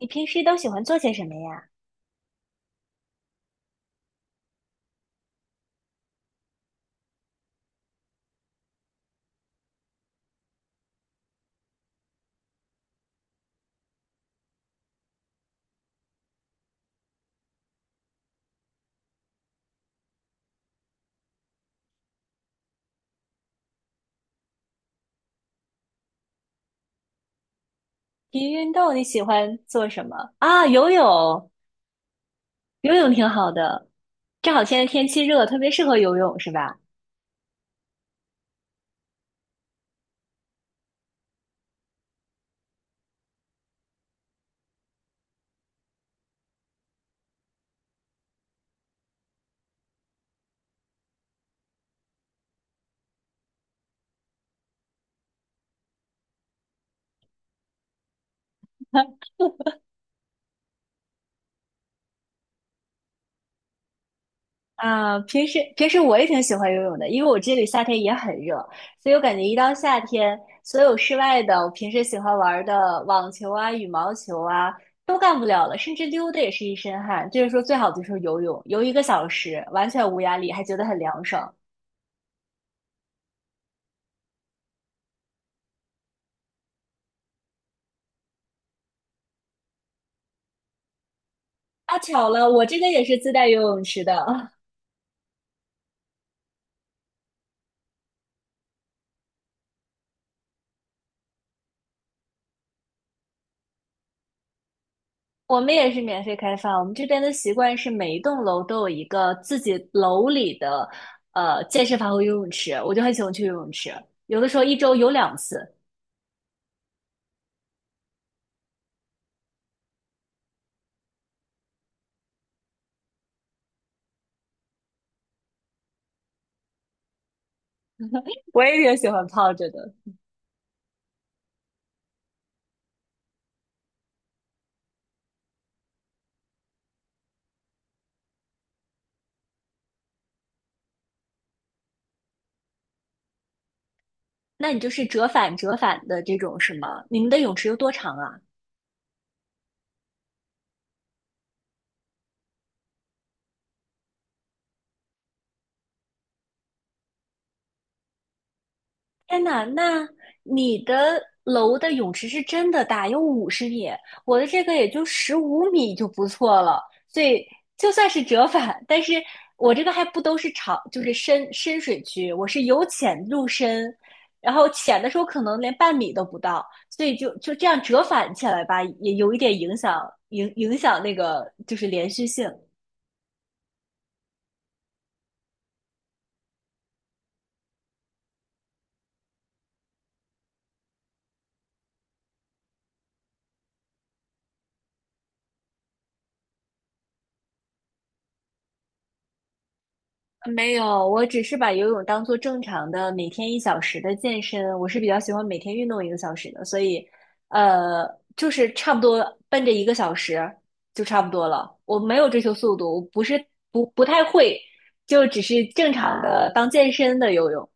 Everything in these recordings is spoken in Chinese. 你平时都喜欢做些什么呀？体育运动你喜欢做什么？啊，游泳，游泳挺好的，正好现在天气热，特别适合游泳，是吧？啊，平时我也挺喜欢游泳的，因为我这里夏天也很热，所以我感觉一到夏天，所有室外的我平时喜欢玩的网球啊、羽毛球啊都干不了了，甚至溜达也是一身汗。就是说，最好的就是游泳，游一个小时完全无压力，还觉得很凉爽。啊，巧了，我这边也是自带游泳池的。我们也是免费开放，我们这边的习惯是每一栋楼都有一个自己楼里的健身房和游泳池，我就很喜欢去游泳池，有的时候一周游两次，我也挺喜欢泡着的。那你就是折返折返的这种是吗？你们的泳池有多长啊？天呐，那你的楼的泳池是真的大，有50米，我的这个也就15米就不错了，所以就算是折返，但是我这个还不都是长，就是深水区，我是由浅入深，然后浅的时候可能连半米都不到，所以就这样折返起来吧，也有一点影响，影响那个就是连续性。没有，我只是把游泳当做正常的每天一小时的健身。我是比较喜欢每天运动一个小时的，所以，呃，就是差不多奔着一个小时就差不多了。我没有追求速度，我不是不太会，就只是正常的当健身的游泳。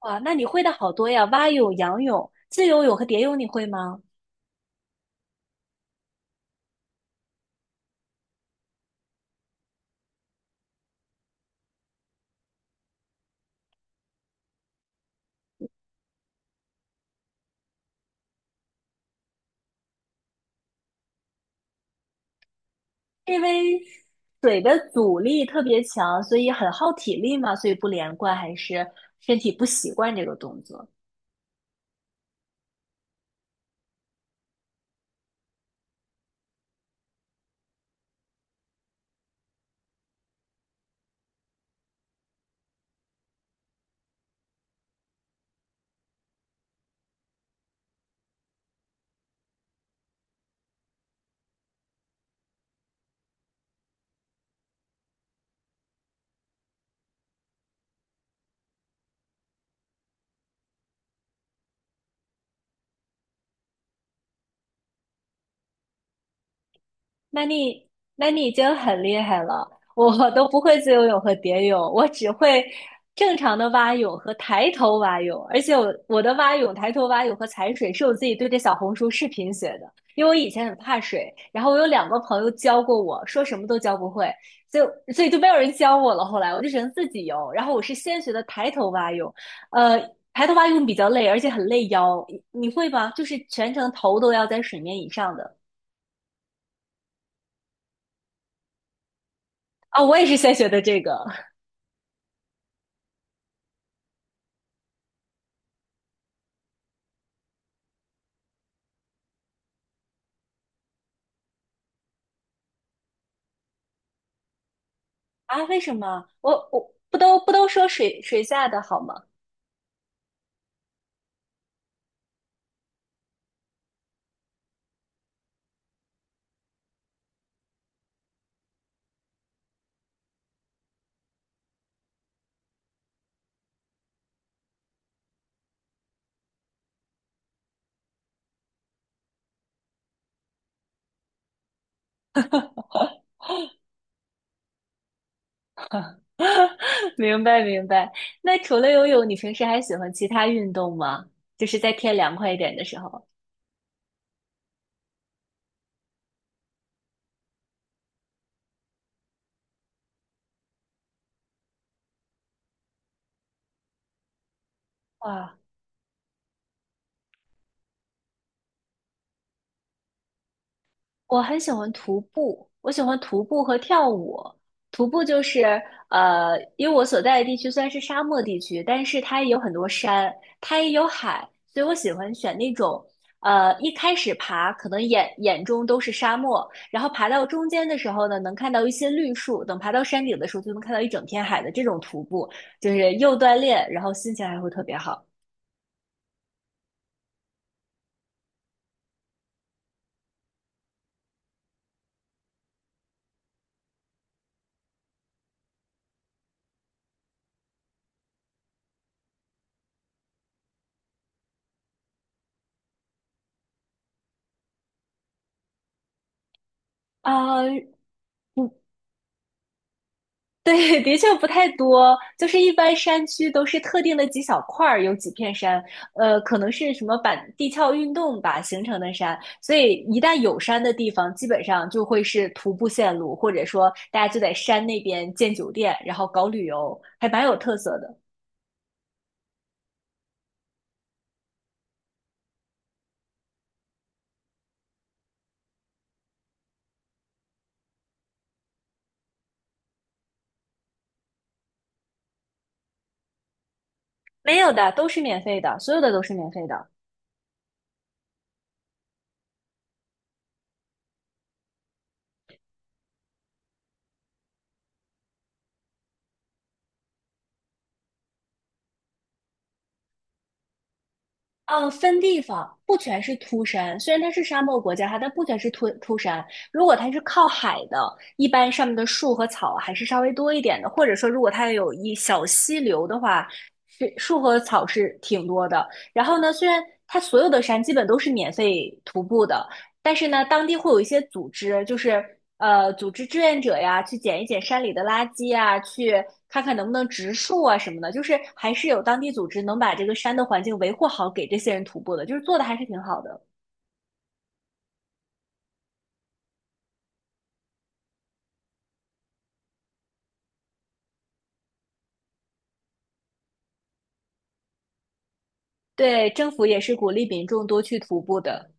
哇，那你会的好多呀，蛙泳、仰泳、自由泳和蝶泳你会吗？因为水的阻力特别强，所以很耗体力嘛，所以不连贯，还是身体不习惯这个动作。那你那你已经很厉害了，我都不会自由泳和蝶泳，我只会正常的蛙泳和抬头蛙泳，而且我的蛙泳、抬头蛙泳和踩水是我自己对着小红书视频学的，因为我以前很怕水，然后我有两个朋友教过我，说什么都教不会，所以就没有人教我了。后来我就只能自己游，然后我是先学的抬头蛙泳，呃，抬头蛙泳比较累，而且很累腰，你会吗？就是全程头都要在水面以上的。啊，我也是先学的这个。啊？为什么？我不都不都说水水下的好吗？明白明白。那除了游泳，你平时还喜欢其他运动吗？就是在天凉快一点的时候。啊。我很喜欢徒步，我喜欢徒步和跳舞。徒步就是呃，因为我所在的地区虽然是沙漠地区，但是它也有很多山，它也有海，所以我喜欢选那种一开始爬可能眼中都是沙漠，然后爬到中间的时候呢，能看到一些绿树，等爬到山顶的时候就能看到一整片海的这种徒步，就是又锻炼，然后心情还会特别好。啊，不。 对，的确不太多，就是一般山区都是特定的几小块儿，有几片山，可能是什么板地壳运动吧形成的山，所以一旦有山的地方，基本上就会是徒步线路，或者说大家就在山那边建酒店，然后搞旅游，还蛮有特色的。没有的，都是免费的，所有的都是免费的。嗯，分地方，不全是秃山。虽然它是沙漠国家，它但不全是秃山。如果它是靠海的，一般上面的树和草还是稍微多一点的，或者说如果它有一小溪流的话，是树和草是挺多的。然后呢，虽然它所有的山基本都是免费徒步的，但是呢，当地会有一些组织，就是组织志愿者呀，去捡一捡山里的垃圾啊，去看看能不能植树啊什么的，就是还是有当地组织能把这个山的环境维护好，给这些人徒步的，就是做的还是挺好的。对，政府也是鼓励民众多去徒步的。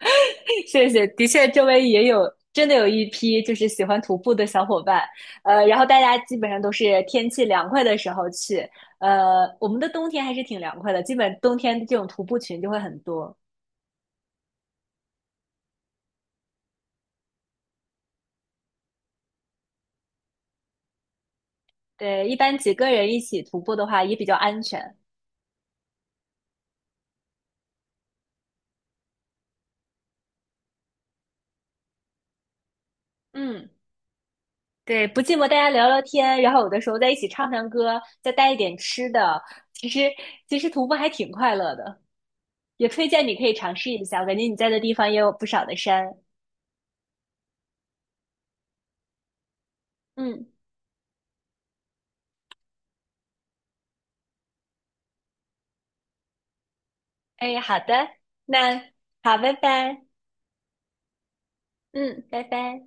谢谢，的确，周围也有真的有一批就是喜欢徒步的小伙伴，然后大家基本上都是天气凉快的时候去，我们的冬天还是挺凉快的，基本冬天这种徒步群就会很多。对，一般几个人一起徒步的话也比较安全。嗯，对，不寂寞，大家聊聊天，然后有的时候在一起唱唱歌，再带一点吃的，其实其实徒步还挺快乐的，也推荐你可以尝试一下。我感觉你在的地方也有不少的山。嗯，哎，好的，那好，拜拜，嗯，拜拜。